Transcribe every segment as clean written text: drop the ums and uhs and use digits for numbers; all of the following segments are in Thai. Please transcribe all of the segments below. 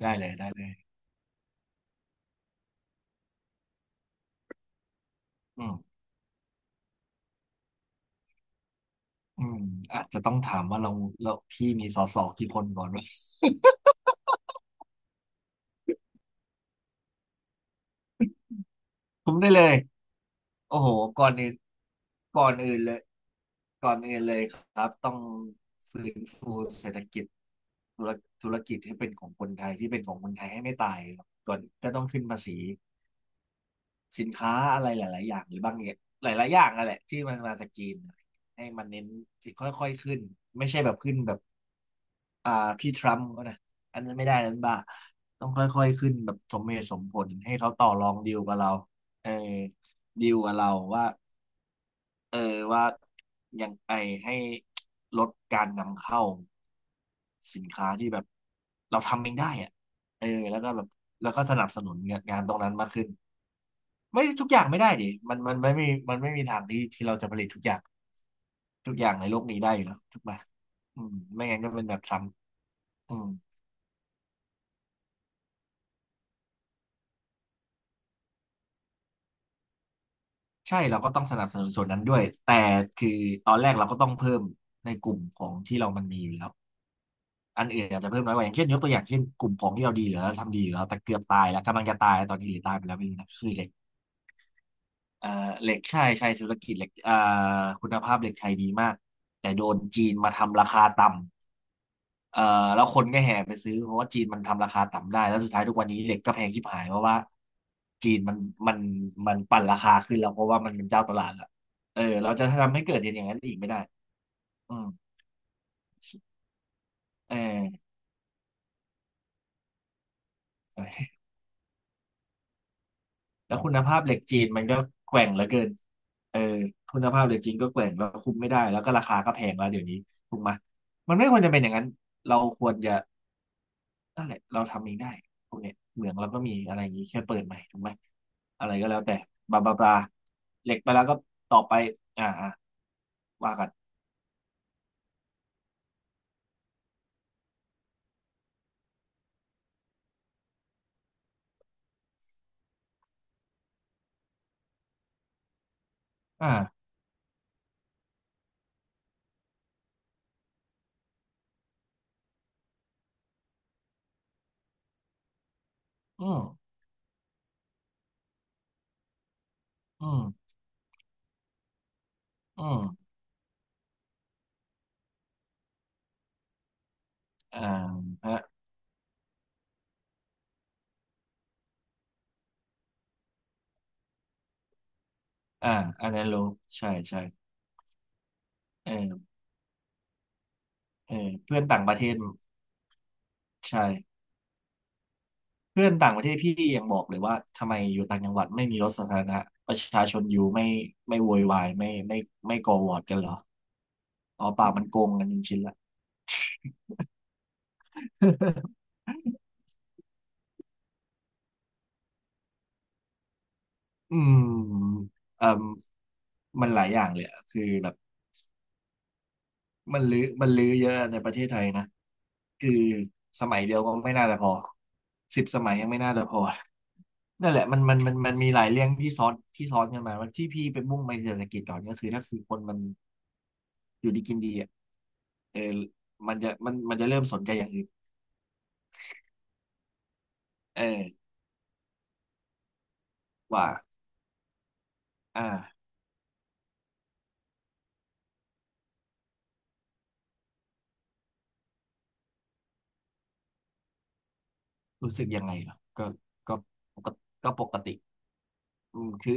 ได้เลยได้เลยอืมอืมอาจจะต้องถามว่าเราพี่มีสอสอกี่คนก่อนวะ ผมได้เลยโอ้โหก่อนอื่นก่อนอื่นเลยก่อนอื่นเลยครับต้องฟื้นฟูเศรษฐกิจธุรธุรกิจให้เป็นของคนไทยที่เป็นของคนไทยให้ไม่ตายครับก่อนก็ต้องขึ้นภาษีสินค้าอะไรหลายๆอย่างหรือบางอย่างหลายๆอย่างนั่นแหละที่มันมาจากจีนให้มันเน้นค่อยๆขึ้นไม่ใช่แบบขึ้นแบบ อ่าพี่ทรัมป์ก็นะอันนั้นไม่ได้นั้นบ้าต้องค่อยๆขึ้นแบบสมเหตุสมผลให้เขาต่อรองดีลกับเราเออดีลกับเราว่าเออว่ายังไงให้ลดการนำเข้าสินค้าที่แบบเราทำเองได้อะเออแล้วก็แบบแล้วก็สนับสนุนงานตรงนั้นมากขึ้นไม่ทุกอย่างไม่ได้ดิมันไม่มีมันไม่มีทางที่เราจะผลิตทุกอย่างทุกอย่างในโลกนี้ได้อยู่แล้วถูกไหมอืมไม่งั้นก็เป็นแบบทรัมป์อืม ใช่เราก็ต้องสนับสนุนส่วนนั้นด้วยแต่คือตอนแรกเราก็ต้องเพิ่มในกลุ่มของที่เรามันมีอยู่แล้วอันอื่นอาจจะเพิ่มน้อยกว่าอย่างเช่นยกตัวอย่างเช่นกลุ่มของที่เราดีอยู่แล้วทำดีอยู่แล้วแต่เกือบตายแล้วกำลังจะตายตอนนี้หรือตายไปแล้วไม่รู้นะคือเหล็กเอ่อเหล็กใช่ใช่ธุรกิจเหล็กคุณภาพเหล็กไทยดีมากแต่โดนจีนมาทำราคาต่ำ เอ่อแล้วคนก็แห่ไปซื้อเพราะว่าจีนมันทำราคาต่ำได้แล้วสุดท้ายทุกวันนี้เหล็กก็แพงชิบหายเพราะว่าจีนมันมันปั่นราคาขึ้นแล้วเพราะว่ามันเป็นเจ้าตลาดละเออเราจะทำให้เกิดอย่างนั้นอีกไม่ได้อืมเออใช่แล้วคุณภาพเหล็กจีนมันก็แกว่งเหลือเกินเออคุณภาพเหล็กจีนก็แกว่งแล้วคุมไม่ได้แล้วก็ราคาก็แพงแล้วเดี๋ยวนี้ถูกไหมยมันไม่ควรจะเป็นอย่างนั้นเราควรจะ นั่นแหละเราทำเองได้พวกเนี้ยเหมืองเราก็มีอะไรอย่างนี้แค่เปิดใหม่ถูกไหมอะไรก็แล้วแต่บลาบลาบลาเหล็กไปแล้วก็ต่อไปอ่าอ่าว่ากันอ่าอืมอืมอืมอ่าฮะอ่าอันนั้นรู้ใช่ใช่เออเออเพื่อนต่างประเทศใช่เพื่อนต่างประเทศพี่ยังบอกเลยว่าทำไมอยู่ต่างจังหวัดไม่มีรถสาธารณะประชาชนอยู่ไม่โวยวายไม่ก่อวอร์ดกันเหรออ๋อเปล่ามันโกงกันจริงๆละ อืมเอ่มมันหลายอย่างเลยอะคือแบบมันลื้อเยอะในประเทศไทยนะคือสมัยเดียวก็ไม่น่าจะพอสิบสมัยยังไม่น่าจะพอนั่นแหละมันมีหลายเรื่องที่ซ้อนกันมาว่าที่พี่เป็นมุ่งไปเศรษฐกิจก่อนก็คือคนมันอยู่ดีกินดีอ่ะเออมันจะเริ่มสนใจอย่างอื่นเออว่าอ่ารู้สึกยังไงเหรอก็ก็ก็ปกติ อืมคือ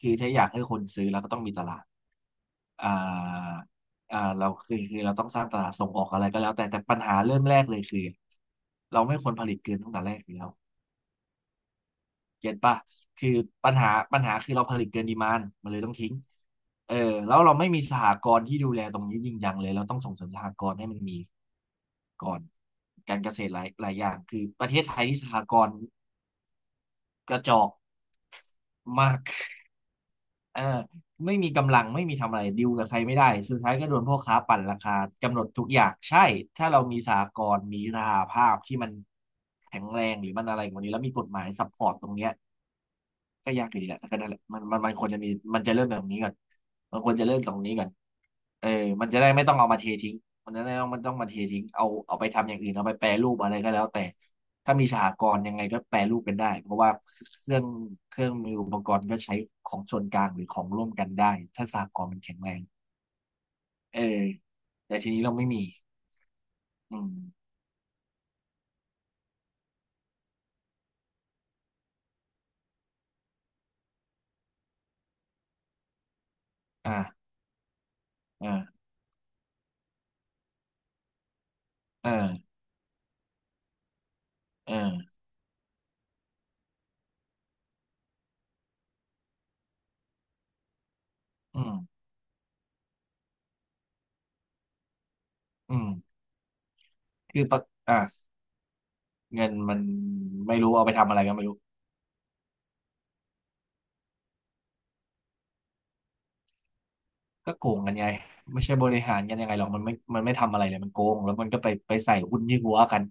คือถ้าอยากให้คนซื้อเราก็ต้องมีตลาดอ่าเราคือเราต้องสร้างตลาดส่งออกอะไรก็แล้วแต่แต่ปัญหาเริ่มแรกเลยคือเราไม่ควรผลิตเกินตั้งแต่แรกอยู่แล้วเก็ตป่ะคือปัญหาปัญหาคือเราผลิตเกินดีมานด์มันเลยต้องทิ้งเออแล้วเราไม่มีสหกรณ์ที่ดูแลตรงนี้จริงจังเลยเราต้องส่งเสริมสหกรณ์ให้มันมีก่อนการเกษตรหลายอย่างคือประเทศไทยที่สหกรณ์กระจอกมาก เออไม่มีกำลังไม่มีทำอะไรดิวกับใครไม่ได้สุดท้ายก็โดนพ่อค้าปั่นราคากำหนดทุกอย่างใช่ถ้าเรามีสหกรณ์มีสหภาพที่มันแข็งแรงหรือมันอะไรกว่านี้แล้วมีกฎหมายซัพพอร์ตตรงเนี้ย ก็ยากอยู่ดีแหละแต่ก็นั่นแหละมันควรจะมีมันจะเริ่มแบบนี้ก่อนมันควรจะเริ่มตรงนี้ก่อนเออมันจะได้ไม่ต้องเอามาเททิ้งมันจะได้ไม่ต้องมาเททิ้งเอาไปทำอย่างอื่นเอาไปแปรรูปอะไรก็แล้วแต่ถ้ามีสหกรณ์ยังไงก็แปรรูปเป็นได้เพราะว่าเครื่องเครื่องมืออุปกรณ์ก็ใช้ของส่วนกลางหรือของร่วมกันได้ถ้าสหกรณ์มันแข็งแรงเออแต่ทีนี้เราไม่มีอืมอ่าอ่าเออเอออืมอืมคือปะอ่ะเงินมันไม่รู้เอาไปทำอะไรก็ไม่รู้ ก็โกงกันไงไม่ใช่บริหารกันยังไงหรอกมันไม่ทำอะไรเลยมันโกงแล้วมันก็ไปใส่หุ้นที่หัวกัน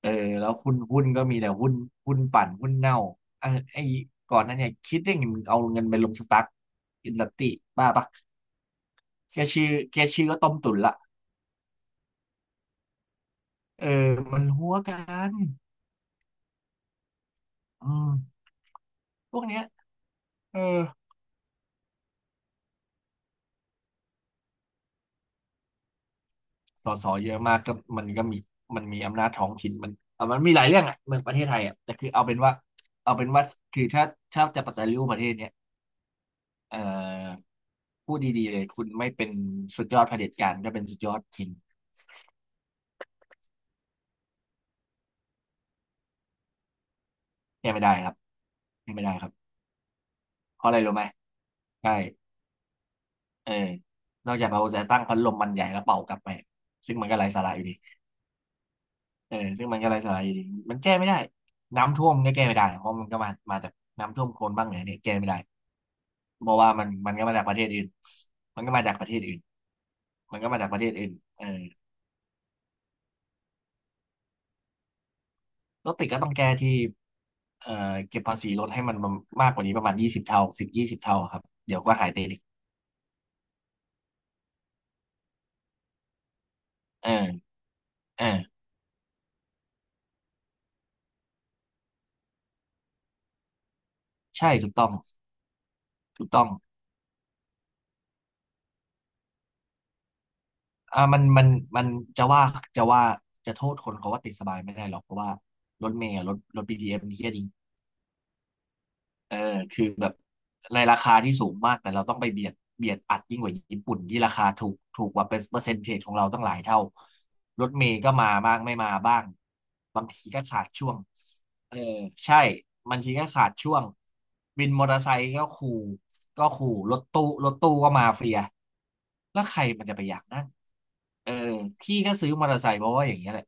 เออแล้วหุ้นก็มีแต่หุ้นหุ้นปั่นหุ้นเน่าอ่ะไอ้ก่อนหนั้นเนี่ยคิดได้ไงมึงเอาเงินไปลงสตั๊กอินดัสตี้บ้าปะแค่ชื่อก็ต้มตุ๋นละเออมันหัวกันอืมพวกเนี้ยเออสสเยอะมากก็มันมีอำนาจท้องถิ่นมันอ่ะมันมีหลายเรื่องอ่ะเมืองประเทศไทยอ่ะแต่คือเอาเป็นว่าคือถ้าจะปฏิรูปประเทศเนี้ย เอ่อพูดดีๆเลยคุณไม่เป็นสุดยอดเผด็จการก็เป็นสุดยอดคิงแก้ไม่ได้ครับแก้ไม่ได้ครับเพราะอะไรรู้ไหมใช่เออนอกจากเราจะตั้งพัดลมมันใหญ่แล้วเป่ากลับไปซึ่งมันก็ไร้สาระอยู่ดีเออซึ่งมันก็ไร้สาระอยู่ดีมันแก้ไม่ได้น้ำท่วมก็แก้ไม่ได้เพราะมันก็มาจากน้ำท่วมโคลนบ้างเหนือเนี่ยแก้ไม่ได้เพราะว่ามันมันก็มาจากประเทศอื่นมันก็มาจากประเทศอื่นมันก็มาจากประเทศอื่นเออ รถติดก็ต้องแก้ที่เอ่อเก็บภาษีรถให้มันมากกว่านี้ประมาณยี่สิบเท่ายี่สิบเท่าครับเดี๋ยวก็หายติดอีกเออเออใช่ถูกต้องถูกต้องอ่ามันมันจะว่าจะว่าจะโทษคนเขาว่าติดสบายไม่ได้หรอกเพราะว่ารถเมล์อะรถ BTS มันเหี้ยจร เออคือแบบในราคาที่สูงมากแต่เราต้องไปเบียดอัดยิ่งกว่าญี่ปุ่นที่ราคาถูกกว่าเป็นเปอร์เซ็นเทจของเราตั้งหลายเท่ารถเมล์ก็มาบ้างไม่มาบ้างบางทีก็ขาดช่วงเออใช่บางทีก็ขาดช่วงวินมอเตอร์ไซค์ก็ขู่ก็ขู่รถตู้ก็มาเฟียแล้วใครมันจะไปอยากนั่ง เออพี่ก็ซื้อมอเตอร์ไซค์เพราะว่าอย่างเงี้ยแหละ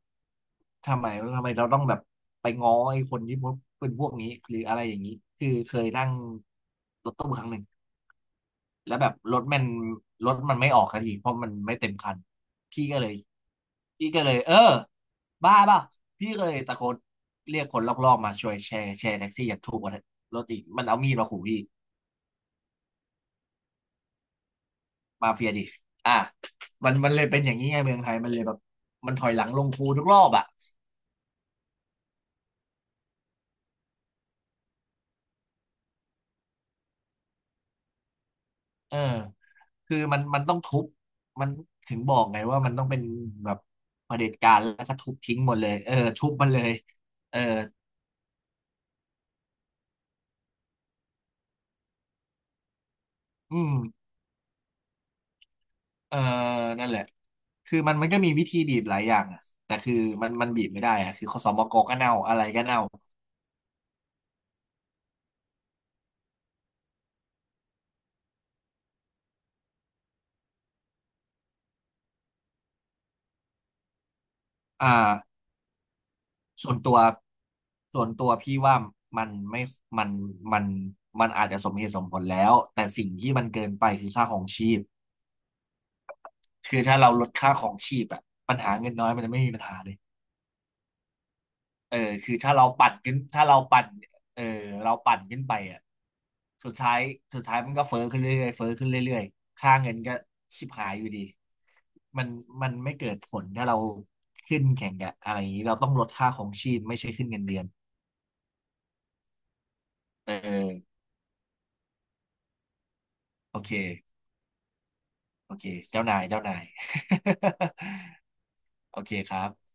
ทำไมเราต้องแบบไปง้อไอ้คนที่พวกเป็นพวกนี้หรืออะไรอย่างนี้คือเคยนั่งรถตู้1 ครั้งแล้วแบบรถมันไม่ออกสักทีเพราะมันไม่เต็มคันพี่ก็เลยพี่ก็เลยบ้าเปล่ะพี่ก็เลยตะโกนเรียกคนรอบๆมาช่วยแชร์แท็กซี่อย่างถูกกว่ารถอีกมันเอามีดมาขู่พี่มาเฟียดิอ่ะมันมันเลยเป็นอย่างนี้ไงเมืองไทยมันเลยแบบมันถอยหลังลงคูทุกรอบอ่ะเออ คือมันต้องทุบมันถึงบอกไงว่ามันต้องเป็นแบบเผด็จการแล้วก็ทุบทิ้งหมดเลยเออทุบมันเลยเอออืมเออนั่นแหละคือมันก็มีวิธีบีบหลายอย่างอะแต่คือมันบีบไม่ได้อะคือคสมกก็เน่าอะไรก็เน่าอ่าส่วนตัวส่วนตัวพี่ว่ามันไม่มันมันมันอาจจะสมเหตุสมผลแล้วแต่สิ่งที่มันเกินไปคือค่าของชีพคือถ้าเราลดค่าของชีพอะปัญหาเงินน้อยมันจะไม่มีปัญหาเลย เออคือถ้าเราปั่นขึ้นถ้าเราปั่นเออเราปั่นขึ้นไปอ่ะสุดท้ายสุดท้ายมันก็เฟ้อขึ้นเรื่อยๆเฟ้อขึ้นเรื่อยๆค่าเงินก็ชิบหายอยู่ดีมันมันไม่เกิดผลถ้าเราขึ้นแข่งกับอะไรอย่างนี้เราต้องลดค่าของชีพไม่ใช่ขึ้นเงินเดือนเออโอเคโอเคเจ้านาย โอเคครับ